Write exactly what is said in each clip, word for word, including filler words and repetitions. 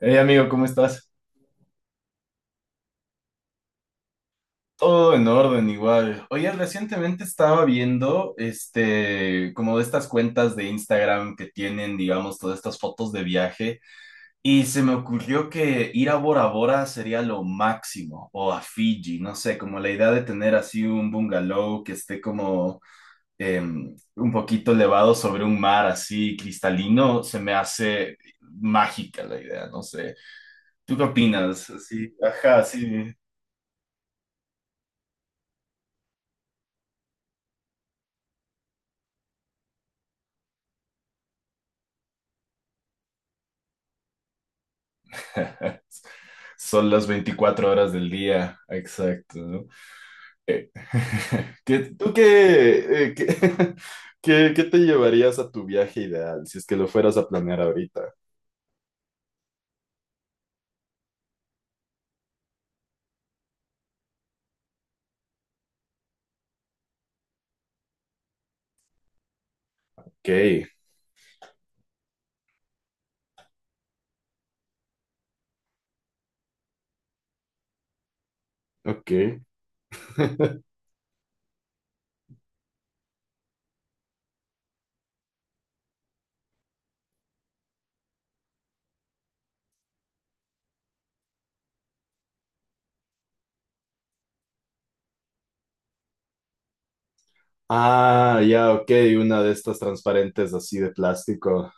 Hey amigo, ¿cómo estás? Todo en orden igual. Oye, recientemente estaba viendo este, como de estas cuentas de Instagram que tienen, digamos, todas estas fotos de viaje y se me ocurrió que ir a Bora Bora sería lo máximo o a Fiji, no sé, como la idea de tener así un bungalow que esté como em, un poquito elevado sobre un mar así cristalino, se me hace mágica la idea, no sé. ¿Tú qué opinas? Sí, ajá, sí. Son las veinticuatro horas del día, exacto, ¿no? Eh, ¿qué- ¿Tú qué, eh, qué, qué- qué te llevarías a tu viaje ideal si es que lo fueras a planear ahorita? Ok, ok. Ah, ya, ok, una de estas transparentes así de plástico.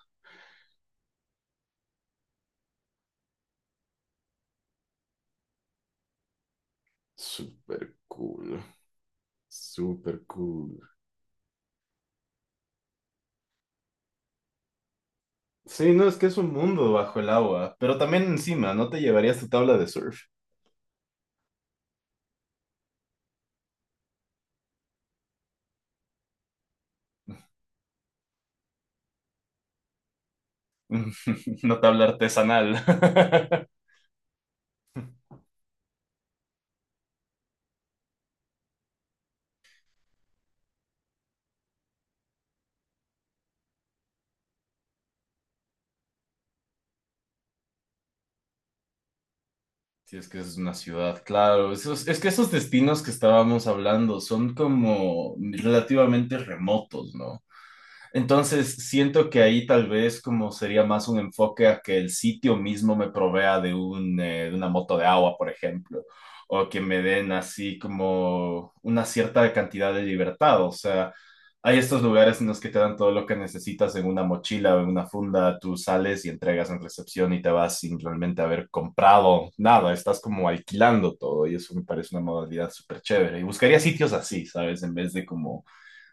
Súper cool, súper cool. Sí, no, es que es un mundo bajo el agua, pero también encima, ¿no te llevarías tu tabla de surf? Una tabla artesanal. Sí, es que es una ciudad, claro. Esos- es que esos destinos que estábamos hablando son como relativamente remotos, ¿no? Entonces, siento que ahí tal vez como sería más un enfoque a que el sitio mismo me provea de un, eh, de una moto de agua, por ejemplo, o que me den así como una cierta cantidad de libertad. O sea, hay estos lugares en los que te dan todo lo que necesitas en una mochila o en una funda, tú sales y entregas en recepción y te vas sin realmente haber comprado nada, estás como alquilando todo y eso me parece una modalidad súper chévere. Y buscaría sitios así, ¿sabes? En vez de como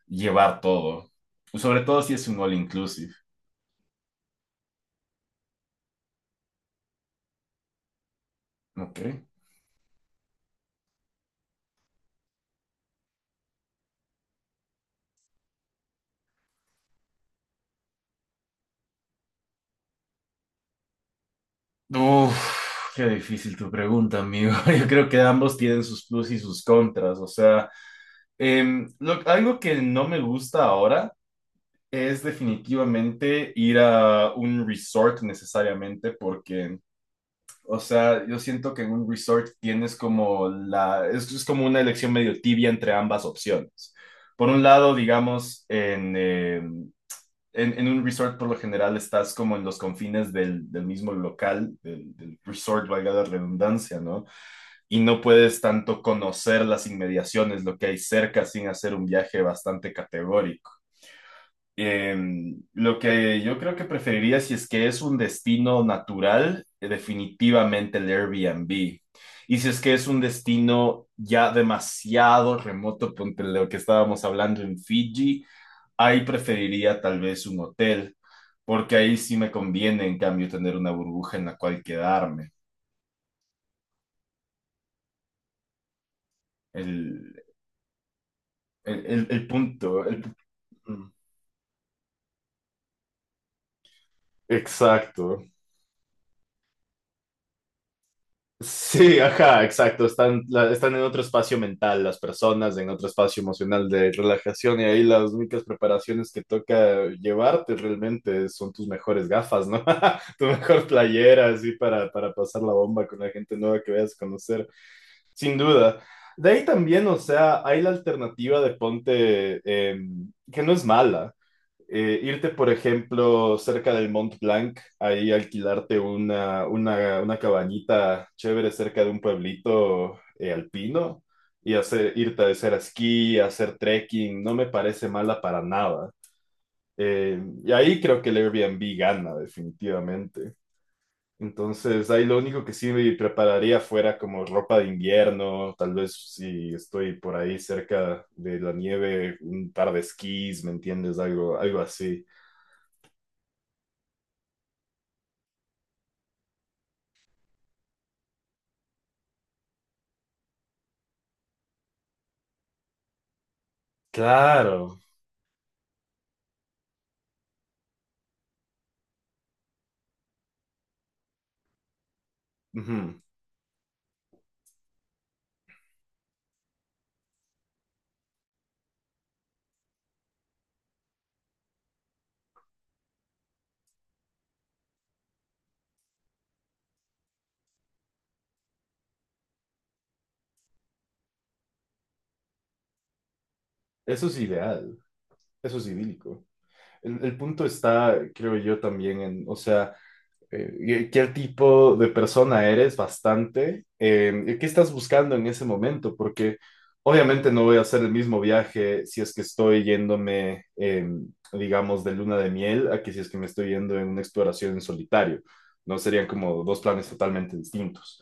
llevar todo. Sobre todo si es un all inclusive. Ok. Uf, qué difícil tu pregunta, amigo. Yo creo que ambos tienen sus plus y sus contras. O sea, em, lo- algo que no me gusta ahora es definitivamente ir a un resort necesariamente porque... O sea, yo siento que en un resort tienes como la, es, es como una elección medio tibia entre ambas opciones. Por un lado, digamos, en, eh, en, en, un resort por lo general estás como en los confines del, del mismo local, del, del, resort, valga la redundancia, ¿no? Y no puedes tanto conocer las inmediaciones, lo que hay cerca, sin hacer un viaje bastante categórico. Eh, lo que yo creo que preferiría si es que es un destino natural, eh, definitivamente el Airbnb. Y si es que es un destino ya demasiado remoto, ponte lo que estábamos hablando en Fiji, ahí preferiría tal vez un hotel, porque ahí sí me conviene, en cambio, tener una burbuja en la cual quedarme. El, el, el- el punto. el- Exacto. Sí, ajá, exacto. Están, la- están en otro espacio mental las personas, en otro espacio emocional de relajación y ahí las únicas preparaciones que toca llevarte realmente son tus mejores gafas, ¿no? Tu mejor playera, así para, para pasar la bomba con la gente nueva que vayas a conocer. Sin duda. De ahí también, o sea, hay la alternativa de ponte, eh, que no es mala. Eh, irte, por ejemplo, cerca del Mont Blanc, ahí alquilarte una, una, una cabañita chévere cerca de un pueblito eh, alpino y hacer, irte a hacer esquí, a hacer trekking, no me parece mala para nada. Eh, y ahí creo que el Airbnb gana, definitivamente. Entonces, ahí lo único que sí me prepararía fuera como ropa de invierno, tal vez si estoy por ahí cerca de la nieve, un par de esquís, ¿me entiendes? Algo, algo así. Claro. Ujú. Eso es ideal, eso es idílico. El, el punto está, creo yo, también en, o sea, eh, ¿qué tipo de persona eres bastante? Eh, y ¿qué estás buscando en ese momento? Porque obviamente no voy a hacer el mismo viaje si es que estoy yéndome, eh, digamos, de luna de miel a que si es que me estoy yendo en una exploración en solitario. No serían como dos planes totalmente distintos.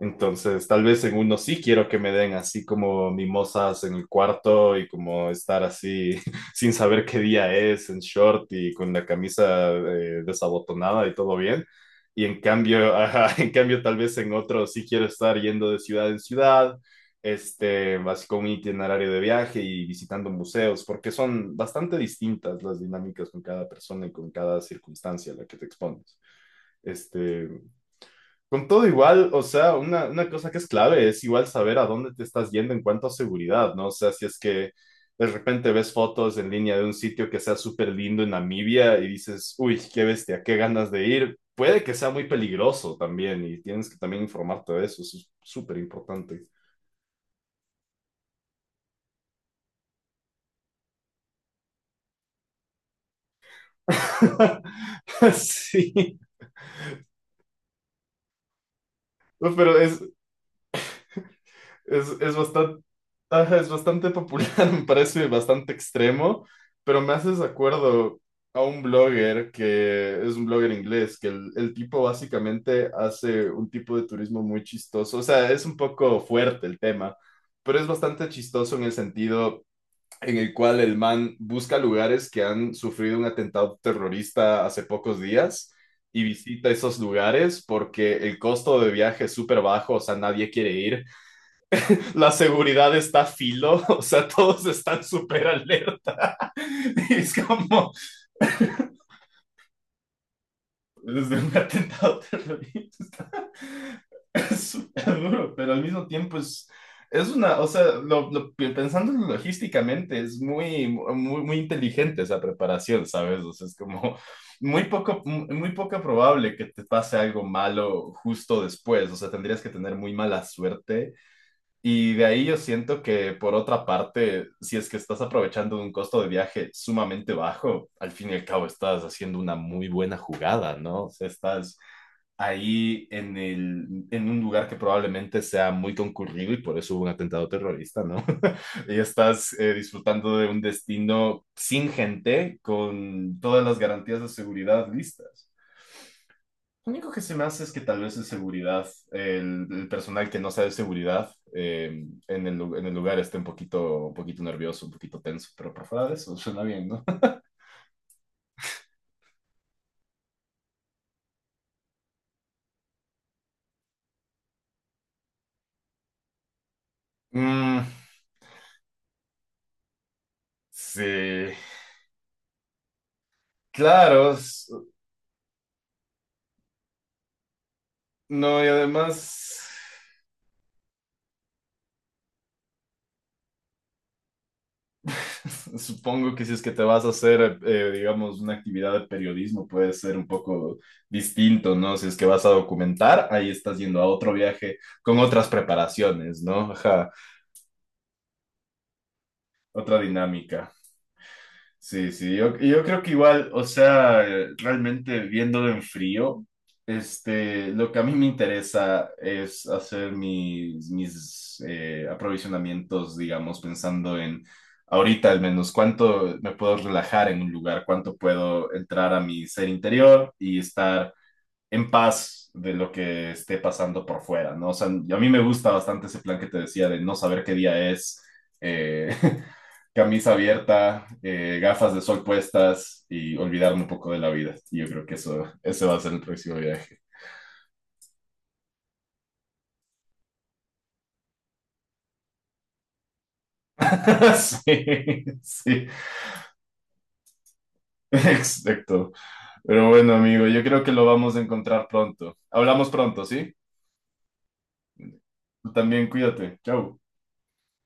Entonces, tal vez en uno sí quiero que me den así como mimosas en el cuarto y como estar así sin saber qué día es, en short y con la camisa eh, desabotonada y todo bien. Y en cambio, ajá, en cambio, tal vez en otro sí quiero estar yendo de ciudad en ciudad, este, así con un itinerario de viaje y visitando museos, porque son bastante distintas las dinámicas con cada persona y con cada circunstancia a la que te expones. Este, con todo igual, o sea, una, una cosa que es clave es igual saber a dónde te estás yendo en cuanto a seguridad, ¿no? O sea, si es que de repente ves fotos en línea de un sitio que sea súper lindo en Namibia y dices, uy, qué bestia, qué ganas de ir, puede que sea muy peligroso también y tienes que también informarte de eso, eso es súper importante. Sí, no, pero es, Es, es bastante, ajá, es bastante popular, me parece bastante extremo, pero me haces acuerdo a un blogger que es un blogger inglés, que el, el tipo básicamente hace un tipo de turismo muy chistoso, o sea, es un poco fuerte el tema, pero es bastante chistoso en el sentido en el cual el man busca lugares que han sufrido un atentado terrorista hace pocos días y visita esos lugares porque el costo de viaje es súper bajo, o sea, nadie quiere ir la seguridad está a filo, o sea, todos están súper alerta. Y es como desde un atentado terrorista. Es súper duro, pero al mismo tiempo es, es una, o sea, lo, lo- pensándolo logísticamente, es muy, muy, muy inteligente esa preparación, ¿sabes? O sea, es como muy poco, muy muy poco probable que te pase algo malo justo después, o sea, tendrías que tener muy mala suerte. Y de ahí yo siento que, por otra parte, si es que estás aprovechando de un costo de viaje sumamente bajo, al fin y al cabo estás haciendo una muy buena jugada, ¿no? O sea, estás ahí en el, en un lugar que probablemente sea muy concurrido y por eso hubo un atentado terrorista, ¿no? Y estás eh, disfrutando de un destino sin gente, con todas las garantías de seguridad listas. Lo único que se me hace es que tal vez de seguridad, el, el personal que no sea de seguridad eh, en el, lu- en el lugar esté un poquito, un poquito nervioso, un poquito tenso, pero por fuera de eso suena bien, ¿no? Mm, sí, claro, s- no, y además supongo que si es que te vas a hacer, eh, digamos, una actividad de periodismo puede ser un poco distinto, ¿no? Si es que vas a documentar, ahí estás yendo a otro viaje con otras preparaciones, ¿no? Ajá, otra dinámica. Sí, sí, yo, yo creo que igual, o sea, realmente viéndolo en frío, este, lo que a mí me interesa es hacer mis, mis eh, aprovisionamientos, digamos, pensando en ahorita al menos cuánto me puedo relajar en un lugar, cuánto puedo entrar a mi ser interior y estar en paz de lo que esté pasando por fuera, ¿no? O sea, a mí me gusta bastante ese plan que te decía de no saber qué día es. Eh, camisa abierta, eh, gafas de sol puestas y olvidarme un poco de la vida. Y yo creo que eso, ese va a ser el próximo viaje. Sí, sí, exacto. Pero bueno, amigo, yo creo que lo vamos a encontrar pronto. Hablamos pronto, ¿sí? Tú también cuídate. Chau.